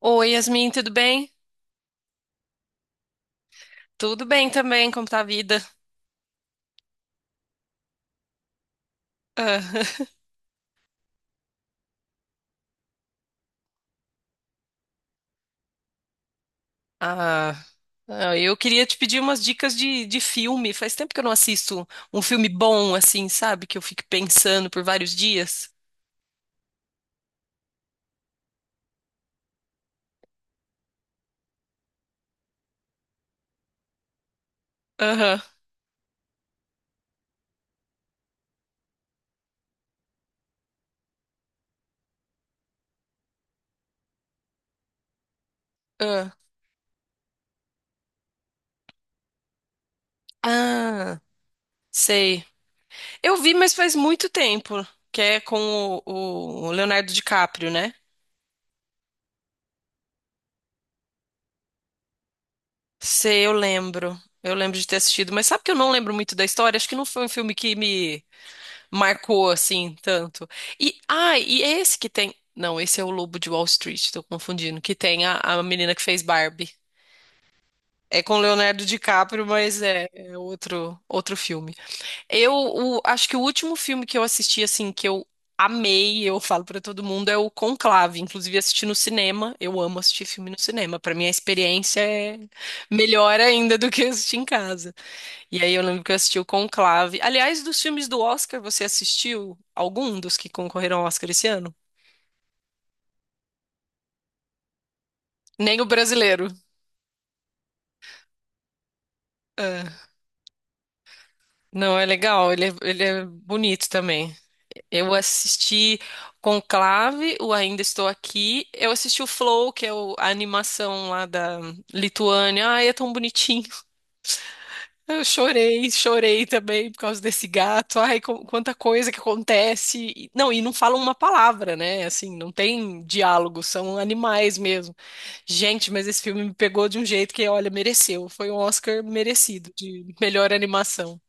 Oi, Yasmin, tudo bem? Tudo bem também, como tá a vida? Ah, ah, ah, eu queria te pedir umas dicas de filme. Faz tempo que eu não assisto um filme bom, assim, sabe? Que eu fique pensando por vários dias. Aham. Ah. Ah, sei. Eu vi, mas faz muito tempo, que é com o Leonardo DiCaprio, né? Sei, eu lembro. Eu lembro de ter assistido, mas sabe que eu não lembro muito da história? Acho que não foi um filme que me marcou assim tanto. E é esse que tem. Não, esse é o Lobo de Wall Street, tô confundindo. Que tem a menina que fez Barbie. É com Leonardo DiCaprio, mas é outro filme. Acho que o último filme que eu assisti assim que eu amei, eu falo pra todo mundo, é o Conclave. Inclusive assisti no cinema. Eu amo assistir filme no cinema. Pra mim a experiência é melhor ainda do que assistir em casa. E aí eu lembro que eu assisti o Conclave. Aliás, dos filmes do Oscar, você assistiu algum dos que concorreram ao Oscar esse ano? Nem o brasileiro. É. Não, é legal, ele é bonito também. Eu assisti Conclave, o Ainda Estou Aqui. Eu assisti o Flow, que é a animação lá da Lituânia. Ai, é tão bonitinho. Eu chorei, chorei também por causa desse gato. Ai, quanta coisa que acontece. Não, e não falam uma palavra, né? Assim, não tem diálogo, são animais mesmo. Gente, mas esse filme me pegou de um jeito que, olha, mereceu. Foi um Oscar merecido de melhor animação.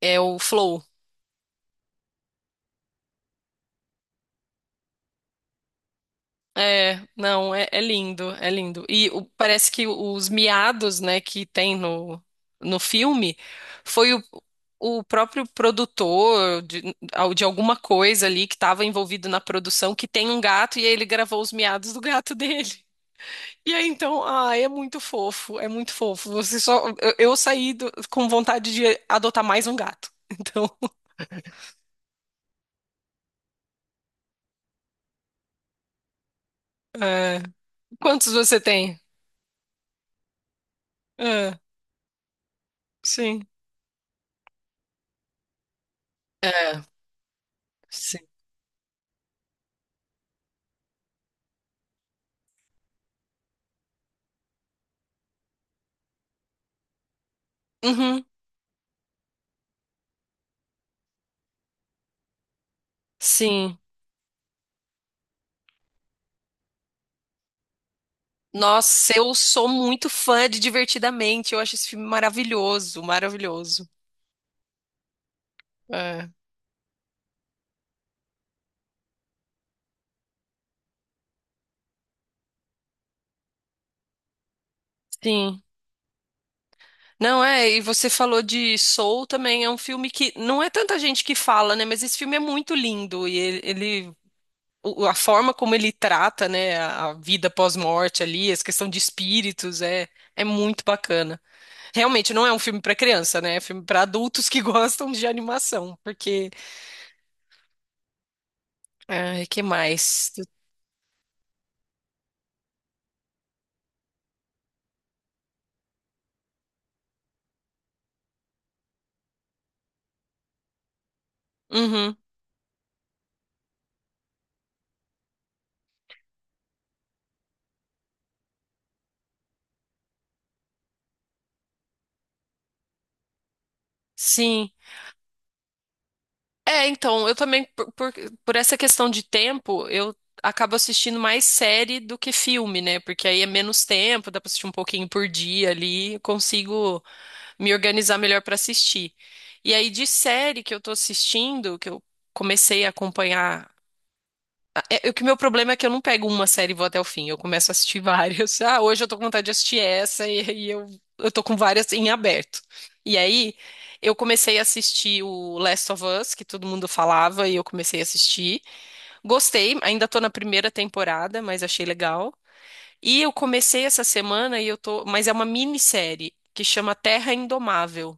É o Flow. É, não, é, é lindo, é lindo. E parece que os miados, né, que tem no, no filme foi o próprio produtor de alguma coisa ali que estava envolvido na produção que tem um gato e ele gravou os miados do gato dele. E aí então, ai, é muito fofo, é muito fofo. Você só, eu saí com vontade de adotar mais um gato. Então, é, quantos você tem? É, sim. É, sim. Uhum, sim. Nossa, eu sou muito fã de Divertidamente. Eu acho esse filme maravilhoso, maravilhoso. É. Sim. Não, é, e você falou de Soul também, é um filme que não é tanta gente que fala, né? Mas esse filme é muito lindo e a forma como ele trata, né, a vida pós-morte ali, essa questão de espíritos, é, é muito bacana. Realmente não é um filme para criança, né? É filme para adultos que gostam de animação, porque, ai, que mais? Uhum. Sim. É, então, eu também, por essa questão de tempo, eu acabo assistindo mais série do que filme, né? Porque aí é menos tempo, dá pra assistir um pouquinho por dia ali, consigo me organizar melhor pra assistir. E aí, de série que eu tô assistindo, que eu comecei a acompanhar o que meu problema é que eu não pego uma série e vou até o fim. Eu começo a assistir várias. Ah, hoje eu tô com vontade de assistir essa, eu tô com várias em aberto. E aí, eu comecei a assistir o Last of Us, que todo mundo falava, e eu comecei a assistir. Gostei, ainda tô na primeira temporada, mas achei legal. E eu comecei essa semana e eu tô, mas é uma minissérie que chama Terra Indomável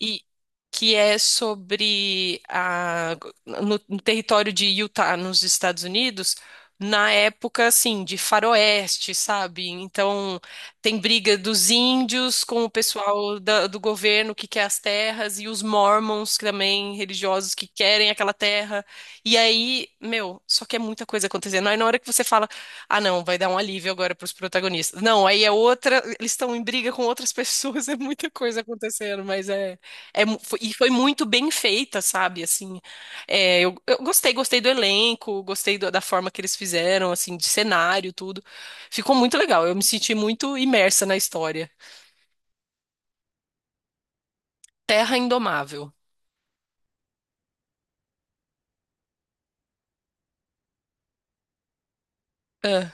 e que é sobre a, no território de Utah, nos Estados Unidos, na época assim de faroeste, sabe? Então tem briga dos índios com o pessoal do governo que quer as terras e os mormons que também religiosos que querem aquela terra. E aí, meu, só que é muita coisa acontecendo. Aí na hora que você fala, ah, não, vai dar um alívio agora para os protagonistas. Não, aí é outra, eles estão em briga com outras pessoas, é muita coisa acontecendo, mas foi muito bem feita, sabe? Assim, é, eu gostei, gostei do elenco, gostei da forma que eles fizeram, assim, de cenário, tudo. Ficou muito legal. Eu me senti muito imersa na história. Terra Indomável. Ah,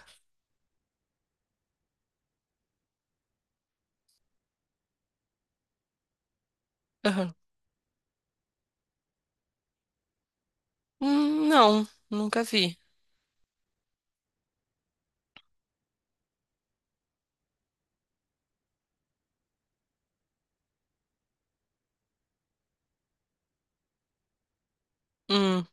aham. Não, nunca vi. Hum,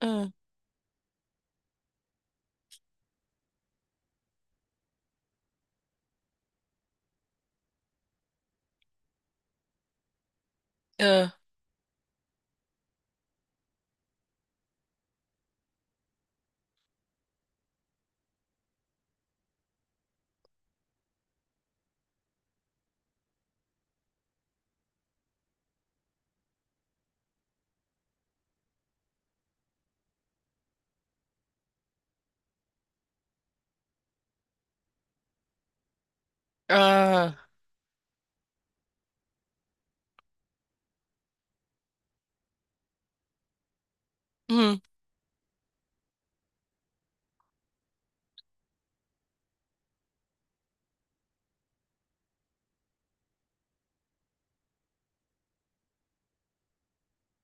ah, ah, ah, hum,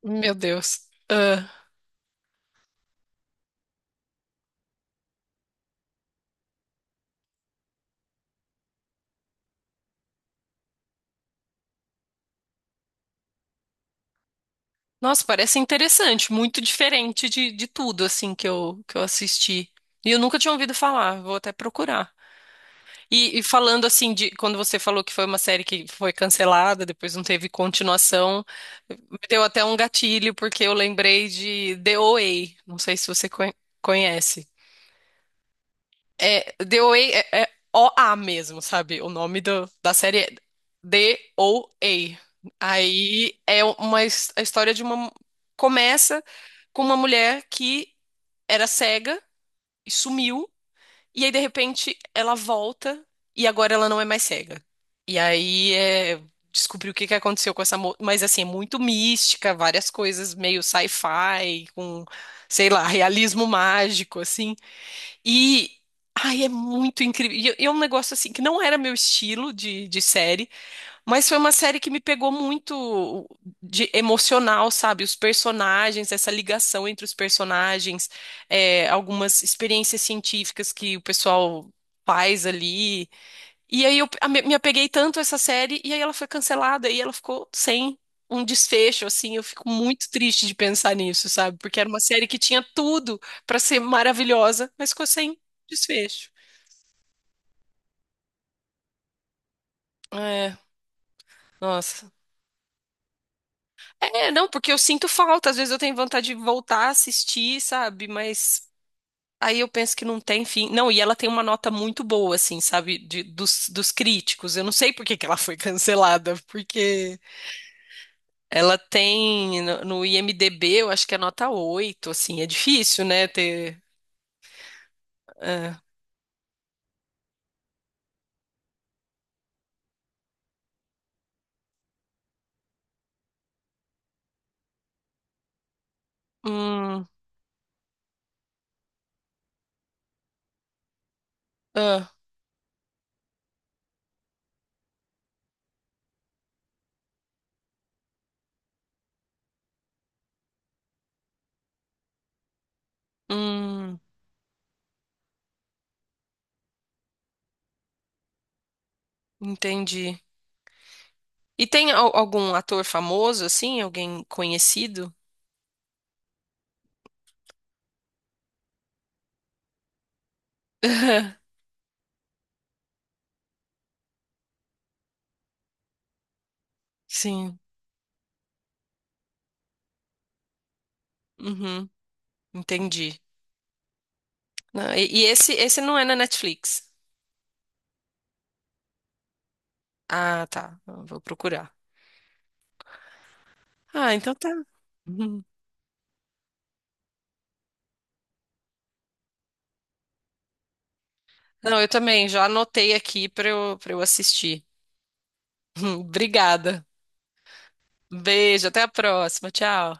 meu Deus. Ah. Nossa, parece interessante, muito diferente de tudo, assim, que eu assisti. E eu nunca tinha ouvido falar, vou até procurar. E falando assim de quando você falou que foi uma série que foi cancelada, depois não teve continuação, me deu até um gatilho porque eu lembrei de The OA. Não sei se você conhe- conhece. É, The OA é OA mesmo, sabe? O nome da série é The OA. Aí é uma his- A história de uma começa com uma mulher que era cega e sumiu. E aí, de repente, ela volta e agora ela não é mais cega. E aí é descobrir o que que aconteceu com essa moça. Mas assim, é muito mística, várias coisas meio sci-fi, com, sei lá, realismo mágico, assim. E. Ai, é muito incrível. E é um negócio assim que não era meu estilo de série, mas foi uma série que me pegou muito de emocional, sabe? Os personagens, essa ligação entre os personagens, é, algumas experiências científicas que o pessoal faz ali. E aí eu me apeguei tanto a essa série e aí ela foi cancelada e ela ficou sem um desfecho, assim. Eu fico muito triste de pensar nisso, sabe? Porque era uma série que tinha tudo pra ser maravilhosa, mas ficou sem desfecho. É, nossa. É, não, porque eu sinto falta, às vezes eu tenho vontade de voltar a assistir, sabe? Mas aí eu penso que não tem fim. Não, e ela tem uma nota muito boa, assim, sabe? Dos críticos. Eu não sei por que que ela foi cancelada, porque ela tem no IMDb, eu acho que é nota 8 assim, é difícil, né? Ter. É. Hum, ah, hum, entendi. E tem algum ator famoso, assim? Alguém conhecido? Sim. Uhum, entendi. Não, e esse, esse não é na Netflix. Ah, tá. Eu vou procurar. Ah, então tá. Uhum. Não, eu também já anotei aqui para eu assistir. Obrigada. Beijo, até a próxima. Tchau.